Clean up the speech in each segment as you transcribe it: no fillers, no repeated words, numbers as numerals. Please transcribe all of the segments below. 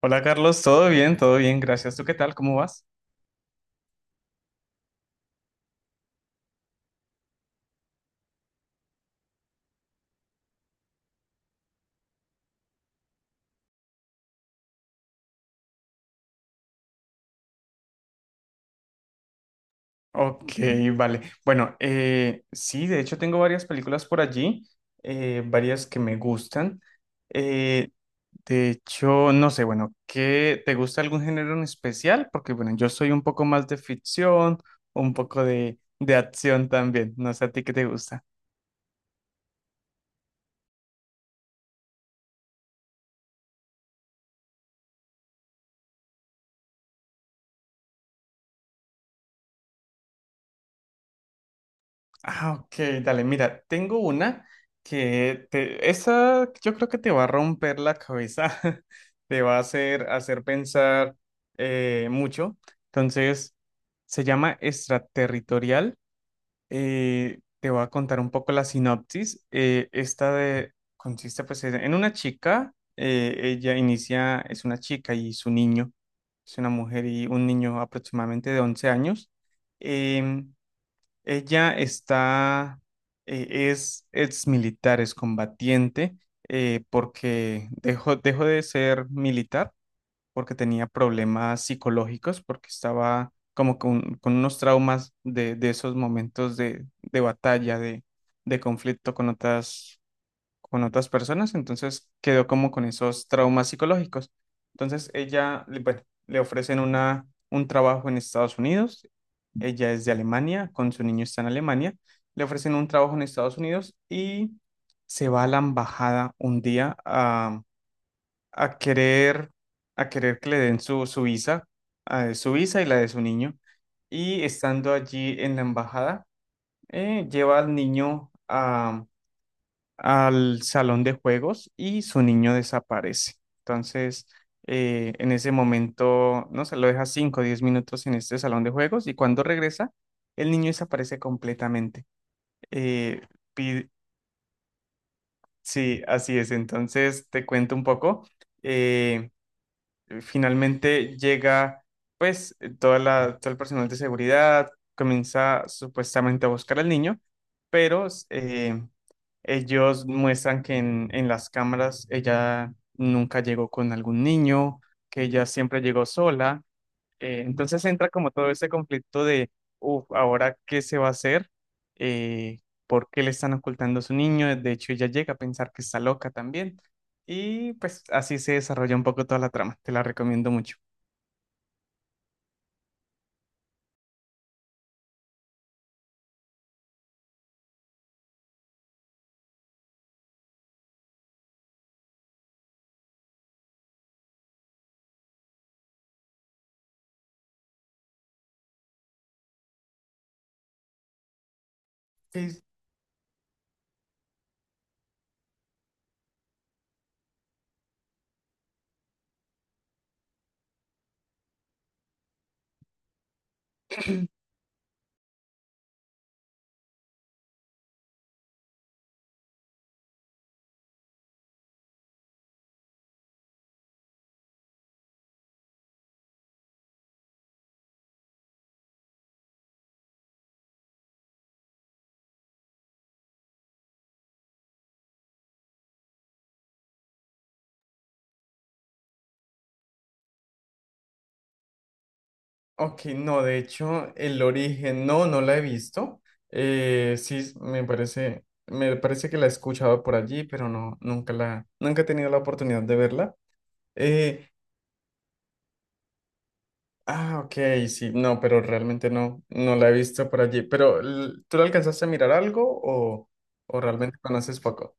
Hola Carlos, todo bien, gracias. ¿Tú qué tal? ¿Cómo vas? Ok, vale. Bueno, sí, de hecho tengo varias películas por allí, varias que me gustan. Eh, de hecho, no sé, bueno, ¿qué te gusta algún género en especial? Porque bueno, yo soy un poco más de ficción, un poco de acción también. No sé a ti qué te gusta. Ah, ok, dale, mira, tengo una que te, esa yo creo que te va a romper la cabeza, te va a hacer pensar mucho. Entonces, se llama extraterritorial. Te voy a contar un poco la sinopsis. Esta de, consiste pues en una chica, ella inicia, es una chica y su niño, es una mujer y un niño aproximadamente de 11 años. em, ella está, es ex militar, es combatiente, porque dejó de ser militar porque tenía problemas psicológicos, porque estaba como con unos traumas de esos momentos de batalla, de conflicto con otras personas, entonces quedó como con esos traumas psicológicos. Entonces ella, le- bueno, le ofrecen una, un trabajo en Estados Unidos, ella es de Alemania, con su niño está en Alemania, le ofrecen un trabajo en Estados Unidos y se va a la embajada un día a querer, a querer que le den su, su visa y la de su niño. Y estando allí en la embajada, lleva al niño al salón de juegos y su niño desaparece. Entonces, en ese momento, no se lo deja 5 o 10 minutos en este salón de juegos y cuando regresa, el niño desaparece completamente. Eh, pi- sí, así es. Entonces, te cuento un poco. Eh, finalmente llega, pues, toda la, todo el personal de seguridad comienza supuestamente a buscar al niño, pero... ellos muestran que en las cámaras ella nunca llegó con algún niño, que ella siempre llegó sola. Entonces entra como todo ese conflicto de, uff, ¿ahora qué se va a hacer? Eh, ¿Por qué le están ocultando a su niño? De hecho, ella llega a pensar que está loca también. Y pues así se desarrolla un poco toda la trama. Te la recomiendo mucho. Sí, ok, no, de hecho, el origen no, no la he visto. Sí, me parece que la he escuchado por allí, pero no, nunca he tenido la oportunidad de verla. Eh, ah, ok, sí, no, pero realmente no, no la he visto por allí. ¿Tú la alcanzaste a mirar algo o realmente conoces poco?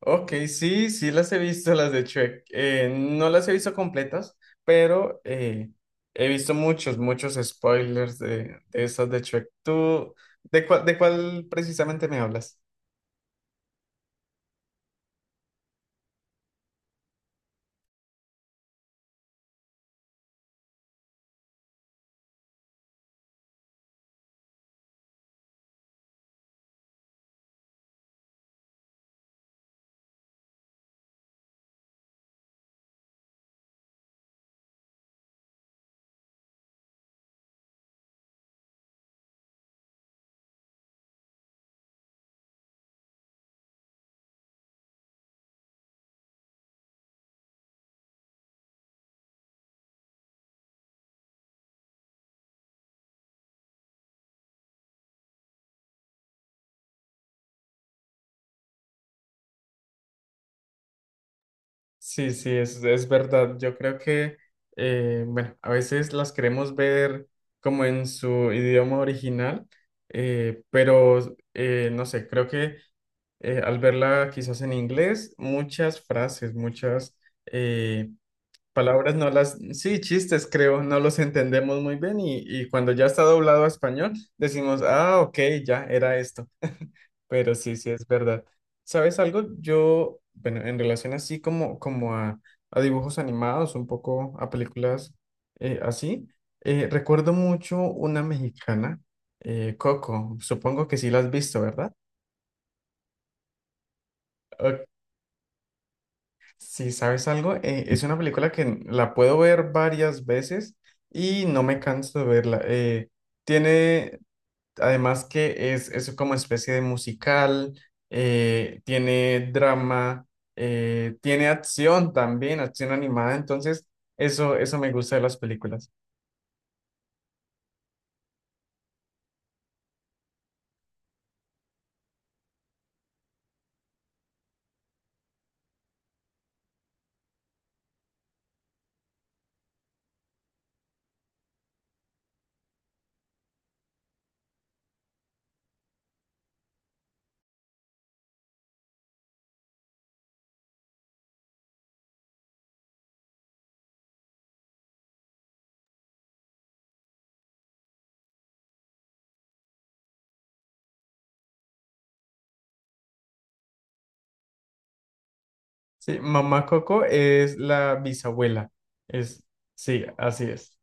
Ok, sí, sí las he visto, las de Shrek. No las he visto completas, pero he visto muchos, muchos spoilers de esas de Shrek. ¿Tú de cuál precisamente me hablas? Sí, sí, es verdad. Yo creo que, bueno, a veces las queremos ver como en su idioma original, no sé, creo que al verla quizás en inglés, muchas frases, muchas... eh, Palabras no las, sí, chistes creo, no los entendemos muy bien y cuando ya está doblado a español decimos, ah, ok, ya era esto, pero sí, sí es verdad. ¿Sabes algo? Yo, bueno, en relación así como, como a dibujos animados, un poco a películas eh, así, recuerdo mucho una mexicana, Coco, supongo que sí la has visto, ¿verdad? Sí, ¿sabes algo? Es una película que la puedo ver varias veces y no me canso de verla. Tiene, además que es como especie de musical, tiene drama, tiene acción también, acción animada, entonces eso me gusta de las películas. Sí, Mamá Coco es la bisabuela. Es, sí, así es.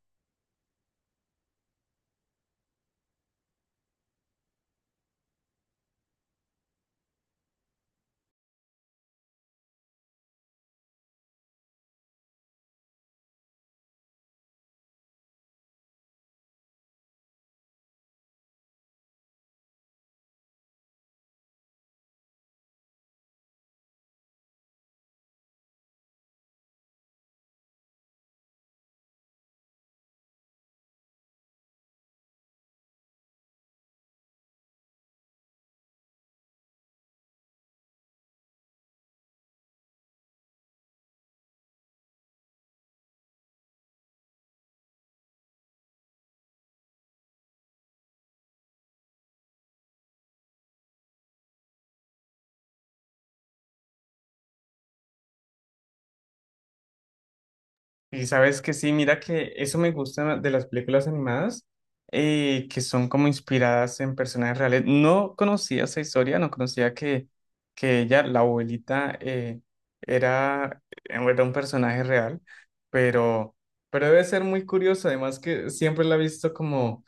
Y sabes que sí, mira que eso me gusta de las películas animadas, que son como inspiradas en personas reales. No conocía esa historia, no conocía que ella, la abuelita, era, era un personaje real, pero, pero debe ser muy curioso, además que siempre la he visto como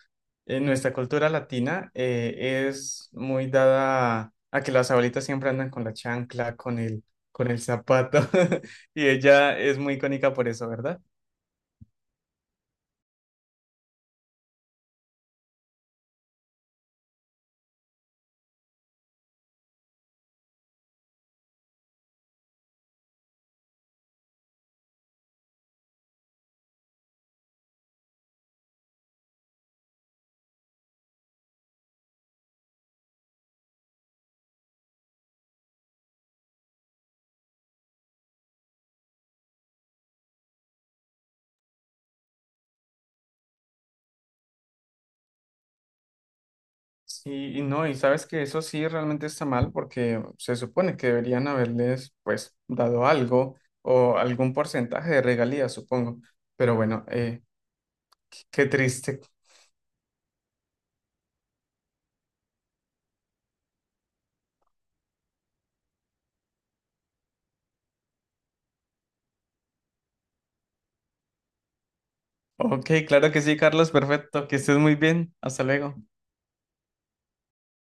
en nuestra cultura latina, es muy dada a que las abuelitas siempre andan con la chancla, con el zapato, y ella es muy icónica por eso, ¿verdad? Sí, y no, y sabes que eso sí realmente está mal porque se supone que deberían haberles pues dado algo o algún porcentaje de regalías, supongo. Pero bueno, qué triste. Ok, claro que sí, Carlos, perfecto, que estés muy bien. Hasta luego.